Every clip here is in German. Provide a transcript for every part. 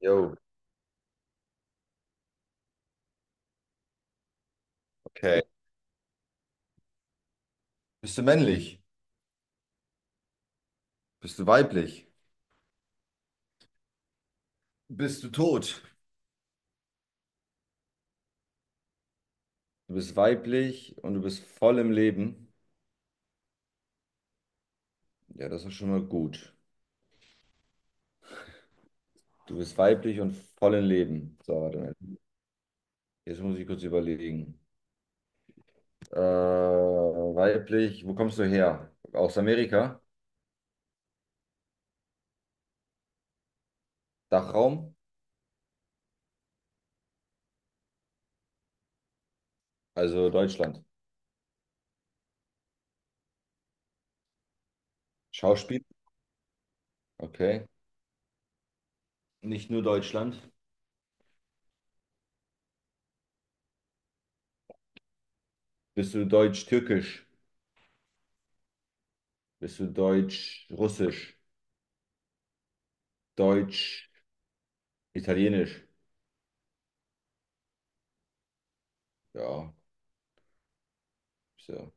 Jo, okay. Bist du männlich? Bist du weiblich? Bist du tot? Du bist weiblich und du bist voll im Leben. Ja, das ist schon mal gut. Du bist weiblich und voll im Leben. So, warte mal. Jetzt muss ich kurz überlegen. Weiblich, wo kommst du her? Aus Amerika? Dachraum? Also Deutschland. Schauspiel? Okay. Nicht nur Deutschland. Bist du deutsch-türkisch? Bist du deutsch-russisch? Deutsch-italienisch? Ja, so.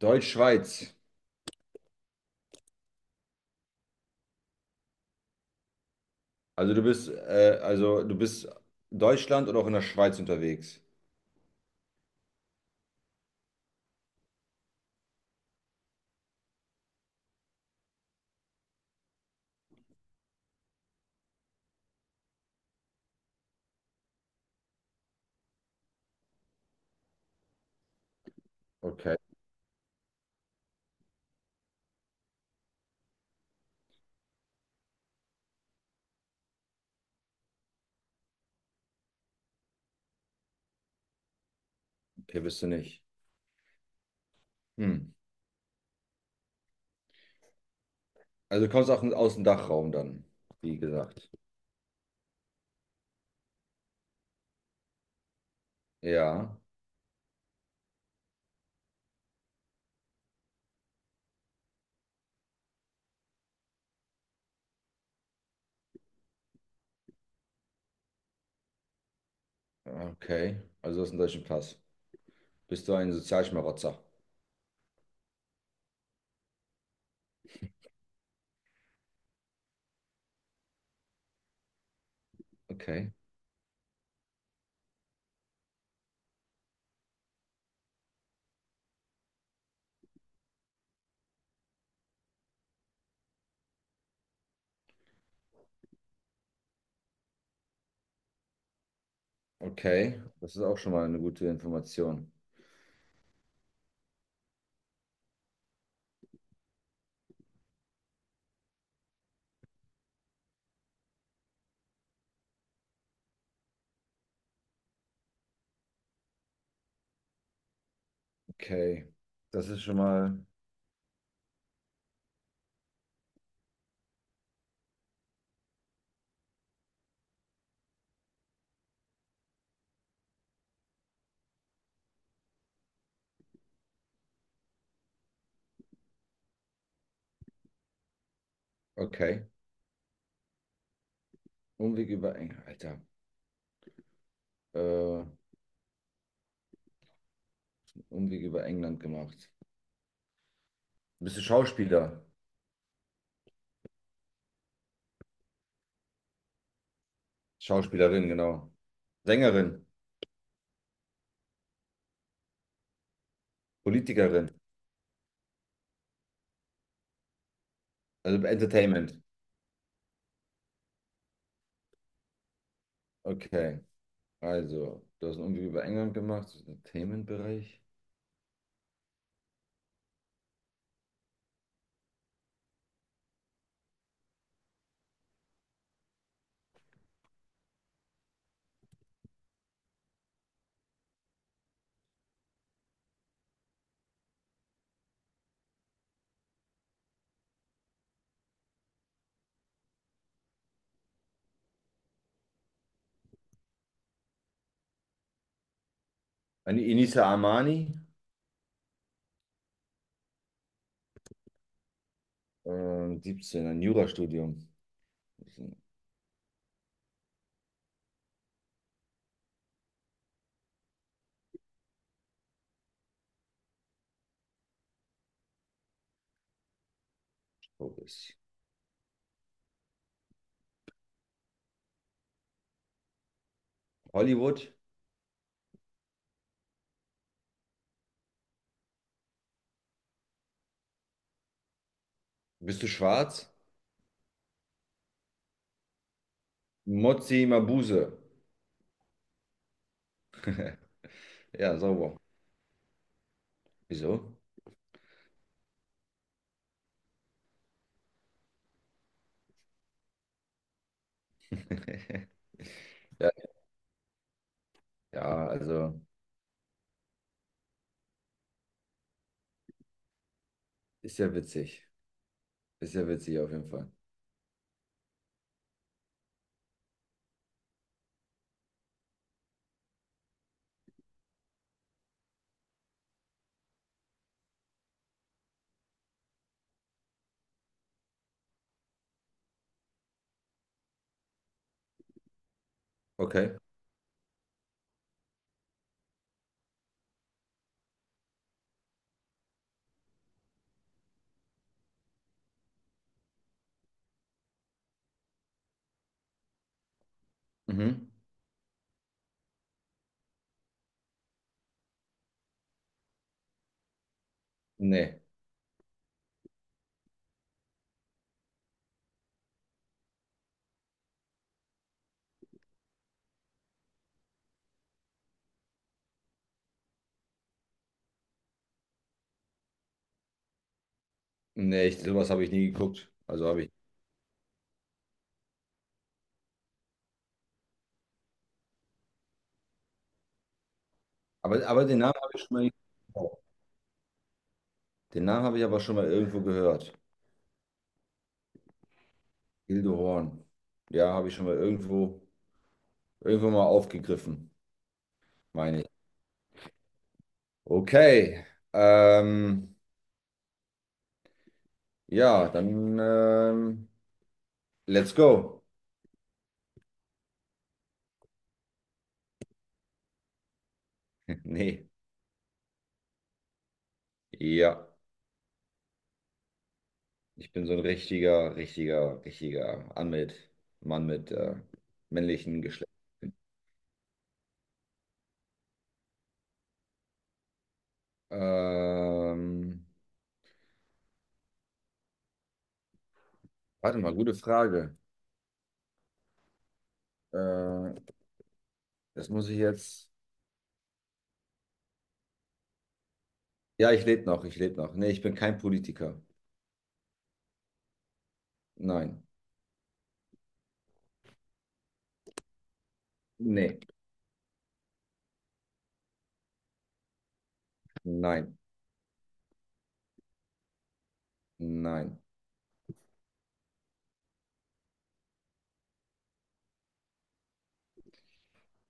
Deutsch-Schweiz. Also du bist Deutschland oder auch in der Schweiz unterwegs. Okay, okay, bist du nicht. Hm. Also du kommst auch aus dem Dachraum dann, wie gesagt. Ja, okay. Also du hast einen deutschen Pass. Bist du ein Sozialschmarotzer? Okay, okay. Das ist auch schon mal eine gute Information. Okay, das ist schon mal. Okay. Umweg über England, Alter. Äh, Umweg über England gemacht. Bist du Schauspieler? Schauspielerin, genau. Sängerin. Politikerin, also Entertainment. Okay, also, du hast einen Umweg über England gemacht, das ist Entertainment-Bereich. An Inisa Amani, 17, ein Jurastudium. Das ist ein Showbiz. Hollywood, bist du schwarz? Motsi Mabuse. Ja, sauber. Wieso? Ja, ja, also, ist ja witzig. Ist ja witzig auf jeden Fall. Okay. Mhm. Nee. Nee, ich, sowas habe ich nie geguckt. Also habe ich. Aber den Namen habe ich schon mal. Den Namen habe ich aber schon mal irgendwo gehört. Hilde Horn. Ja, habe ich schon mal irgendwo, irgendwo mal aufgegriffen, meine ich. Okay. Ähm, ja, dann let's go. Nee. Ja. Ich bin so ein richtiger Anmit, Mann mit männlichen Geschlecht. Ähm, Warte mal, gute Frage. Äh, das muss ich jetzt. Ja, ich lebe noch. Nee, ich bin kein Politiker. Nein. Nee. Nein. Nein.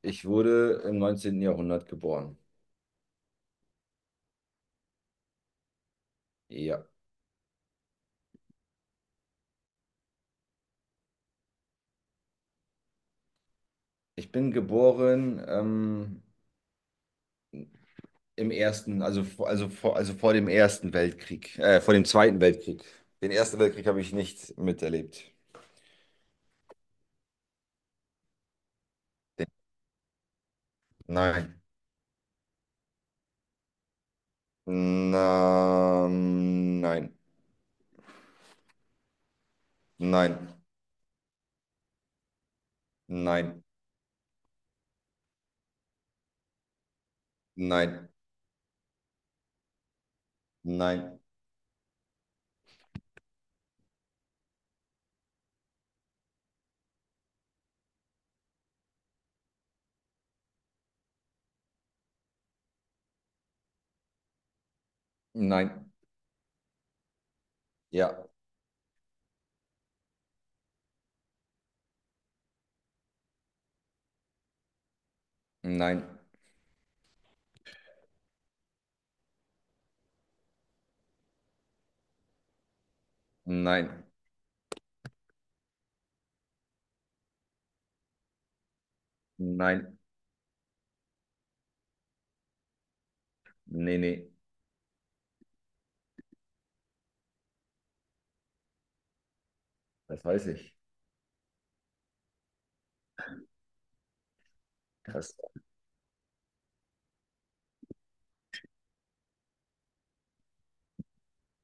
Ich wurde im 19. Jahrhundert geboren. Ja. Ich bin geboren im ersten, also, also vor dem Ersten Weltkrieg, vor dem Zweiten Weltkrieg. Den Ersten Weltkrieg habe ich nicht miterlebt. Den- Nein. Na, nein. Nein. Nein. Nein. Nein. Nein. Ja, nein, nein, nein, nee, nee, das weiß ich. Krass.